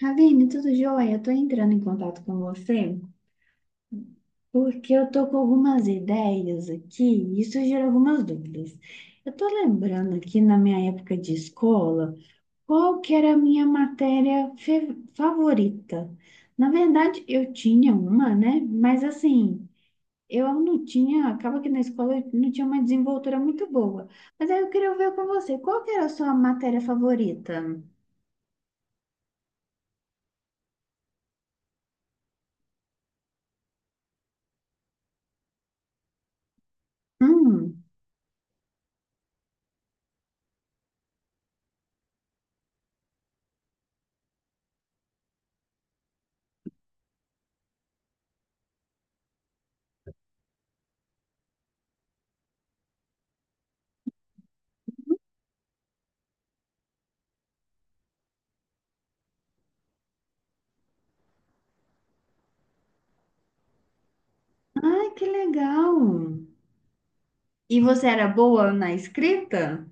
Ravine, tudo jóia? Estou entrando em contato com você porque eu estou com algumas ideias aqui e isso gera algumas dúvidas. Eu estou lembrando aqui na minha época de escola qual que era a minha matéria favorita. Na verdade, eu tinha uma, né? Mas assim, eu não tinha, acaba que na escola eu não tinha uma desenvoltura muito boa. Mas aí eu queria ver com você, qual que era a sua matéria favorita? Hum, ai, que legal! E você era boa na escrita?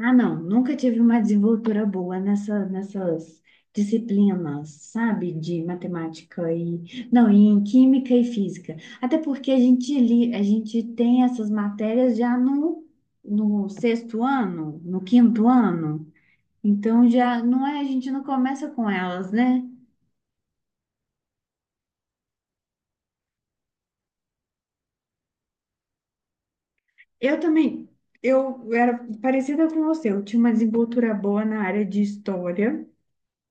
Ah, não, nunca tive uma desenvoltura boa nessas disciplinas, sabe? De matemática e... Não, e em química e física. Até porque a gente tem essas matérias já no sexto ano, no quinto ano. Então, já não é, a gente não começa com elas, né? Eu também, eu era parecida com você. Eu tinha uma desenvoltura boa na área de história,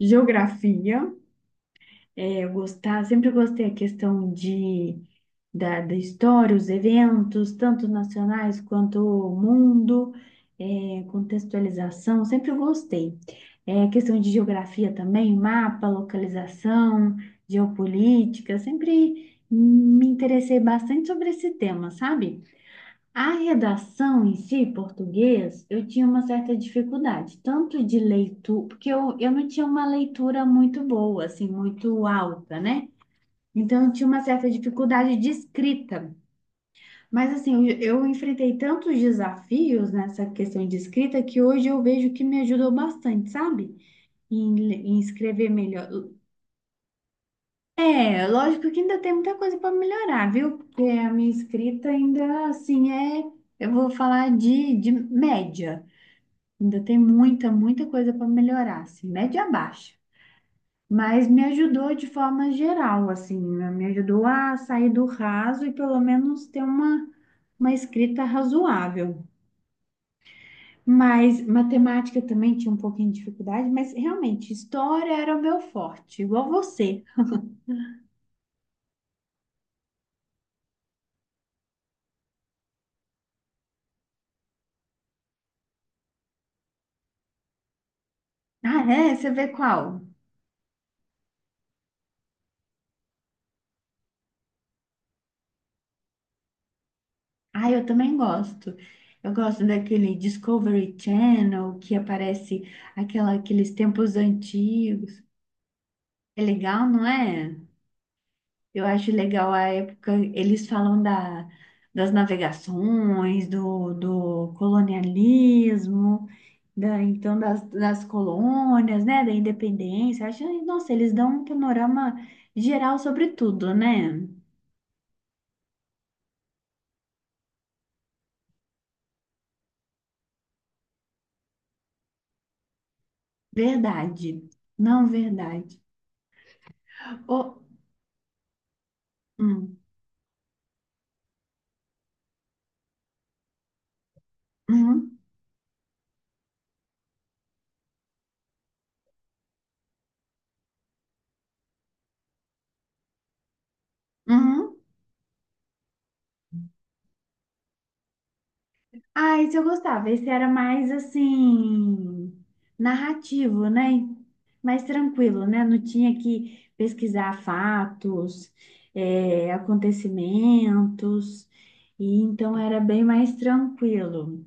geografia. É, eu gostar, sempre gostei a da história, os eventos, tanto nacionais quanto o mundo, é, contextualização, sempre gostei. É, questão de geografia também, mapa, localização, geopolítica, sempre me interessei bastante sobre esse tema, sabe? A redação em si, português, eu tinha uma certa dificuldade, tanto de leitura, porque eu não tinha uma leitura muito boa, assim, muito alta, né? Então, eu tinha uma certa dificuldade de escrita. Mas, assim, eu enfrentei tantos desafios nessa questão de escrita que hoje eu vejo que me ajudou bastante, sabe? Em escrever melhor. É, lógico que ainda tem muita coisa para melhorar, viu? Porque a minha escrita ainda, assim, é, eu vou falar de média. Ainda tem muita, muita coisa para melhorar, assim, média baixa. Mas me ajudou de forma geral, assim, né? Me ajudou a sair do raso e pelo menos ter uma escrita razoável. Mas matemática também tinha um pouquinho de dificuldade, mas realmente, história era o meu forte, igual você. Ah, é? Você vê qual? Ah, eu também gosto. Eu gosto daquele Discovery Channel que aparece aquela, aqueles tempos antigos. É legal, não é? Eu acho legal a época, eles falam das navegações, do colonialismo, então das colônias, né, da independência. Acho, nossa, eles dão um panorama geral sobre tudo, né? Verdade. Não verdade. Ô, hum, uhum, uhum. Ah, esse eu gostava. Esse era mais assim, narrativo, né? Mais tranquilo, né? Não tinha que pesquisar fatos, é, acontecimentos, e então era bem mais tranquilo.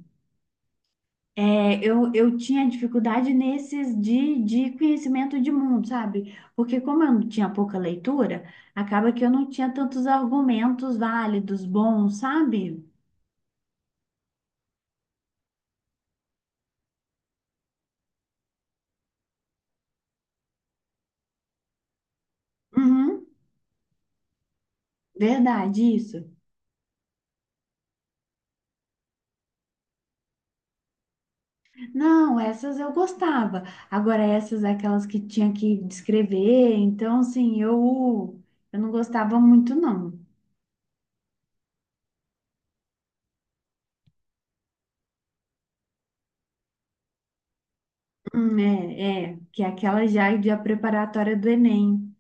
É, eu tinha dificuldade nesses de conhecimento de mundo, sabe? Porque como eu não tinha pouca leitura, acaba que eu não tinha tantos argumentos válidos, bons, sabe? Uhum, verdade, isso. Não, essas eu gostava. Agora, essas aquelas que tinha que descrever, então, assim, eu não gostava muito, não. É, é, que é aquela já de a preparatória do Enem.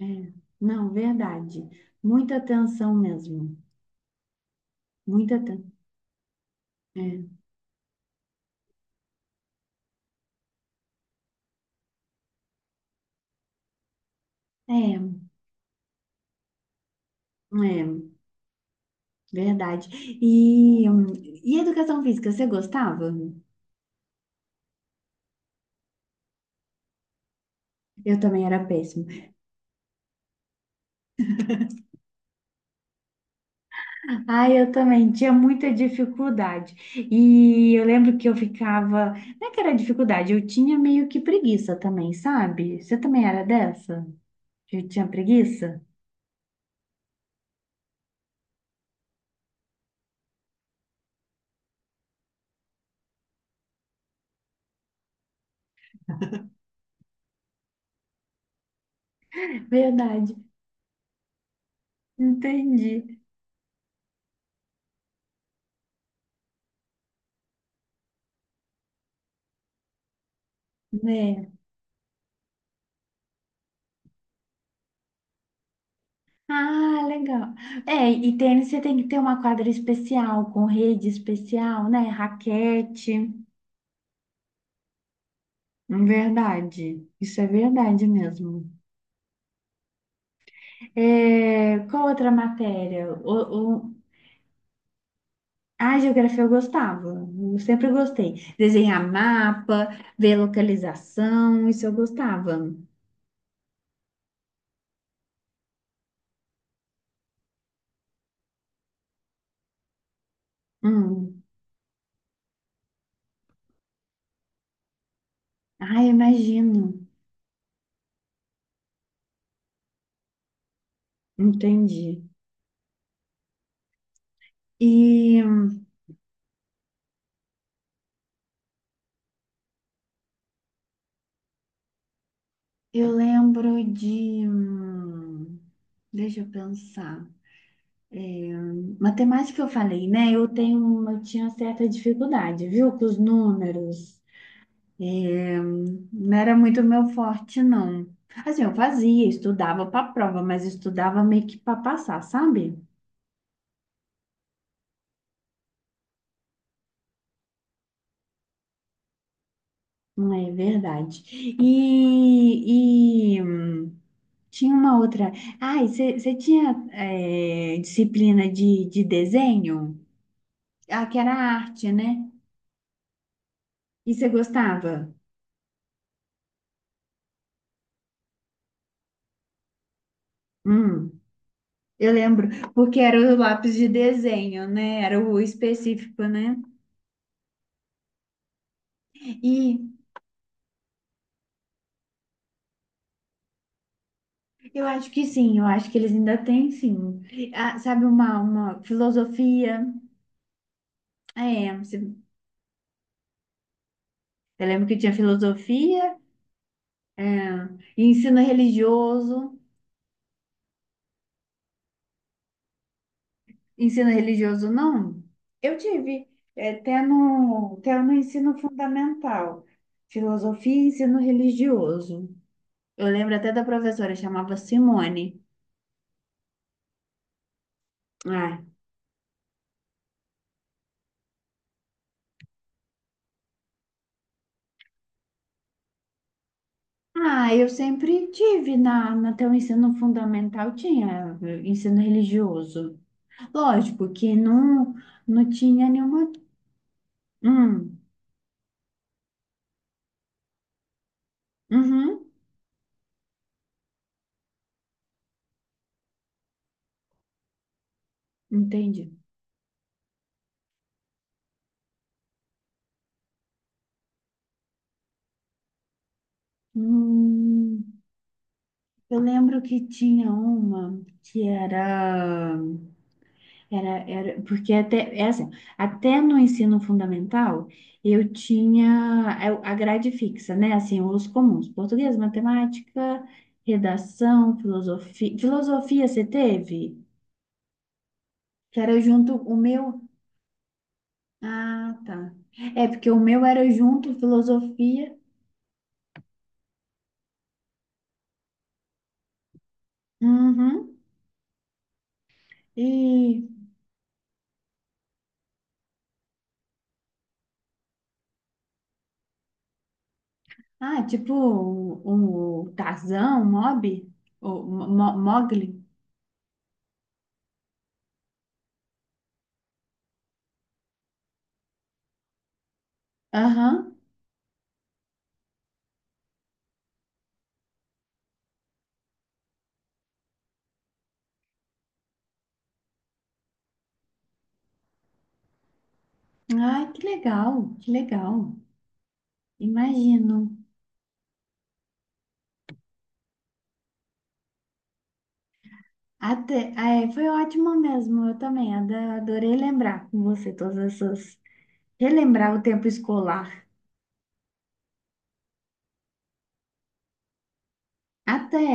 É, não, verdade. Muita atenção mesmo. Muita atenção. É, é, é, verdade. E, hum, e educação física, você gostava? Eu também era péssima. Ai, eu também tinha muita dificuldade. E eu lembro que eu ficava. Não é que era dificuldade, eu tinha meio que preguiça também, sabe? Você também era dessa? Eu tinha preguiça? Verdade, entendi. Né? Ah, legal. É, e tênis você tem que ter uma quadra especial, com rede especial, né? Raquete. Verdade. Isso é verdade mesmo. É, qual outra matéria? Ah, geografia eu gostava, eu sempre gostei. Desenhar mapa, ver localização, isso eu gostava. Hum. Ah, imagino. Entendi. E eu lembro de. Hum, deixa eu pensar. É, matemática eu falei, né? Eu tinha certa dificuldade, viu? Com os números. Não era muito meu forte, não. Assim, eu fazia, estudava para prova, mas estudava meio que para passar, sabe? É verdade. E tinha uma outra. Ah, e você tinha é, disciplina de desenho? Ah, que era arte, né? E você gostava? Hum, eu lembro, porque era o lápis de desenho, né? Era o específico, né? E eu acho que sim, eu acho que eles ainda têm, sim. Ah, sabe, uma filosofia. É, eu lembro que tinha filosofia, é, e ensino religioso. Ensino religioso não? Eu tive, é, até até no ensino fundamental, filosofia e ensino religioso. Eu lembro até da professora, chamava Simone. Ah, ah, eu sempre tive até o ensino fundamental, tinha eh, ensino religioso. Lógico que não, não tinha nenhuma. Hum, uhum, entendi. Hum, eu lembro que tinha uma que era. Era, era, porque até, é assim, até no ensino fundamental, eu tinha a grade fixa, né? Assim, os comuns, português, matemática, redação, filosofia. Filosofia você teve? Que era junto o meu. Ah, tá. É, porque o meu era junto filosofia. Uhum. E, ah, tipo o Tarzan, o Mob, Mowgli. Aham. Ai, que legal, que legal. Imagino. Até, ah, é, foi ótimo mesmo, eu também adorei lembrar com você todas essas, relembrar o tempo escolar. Até.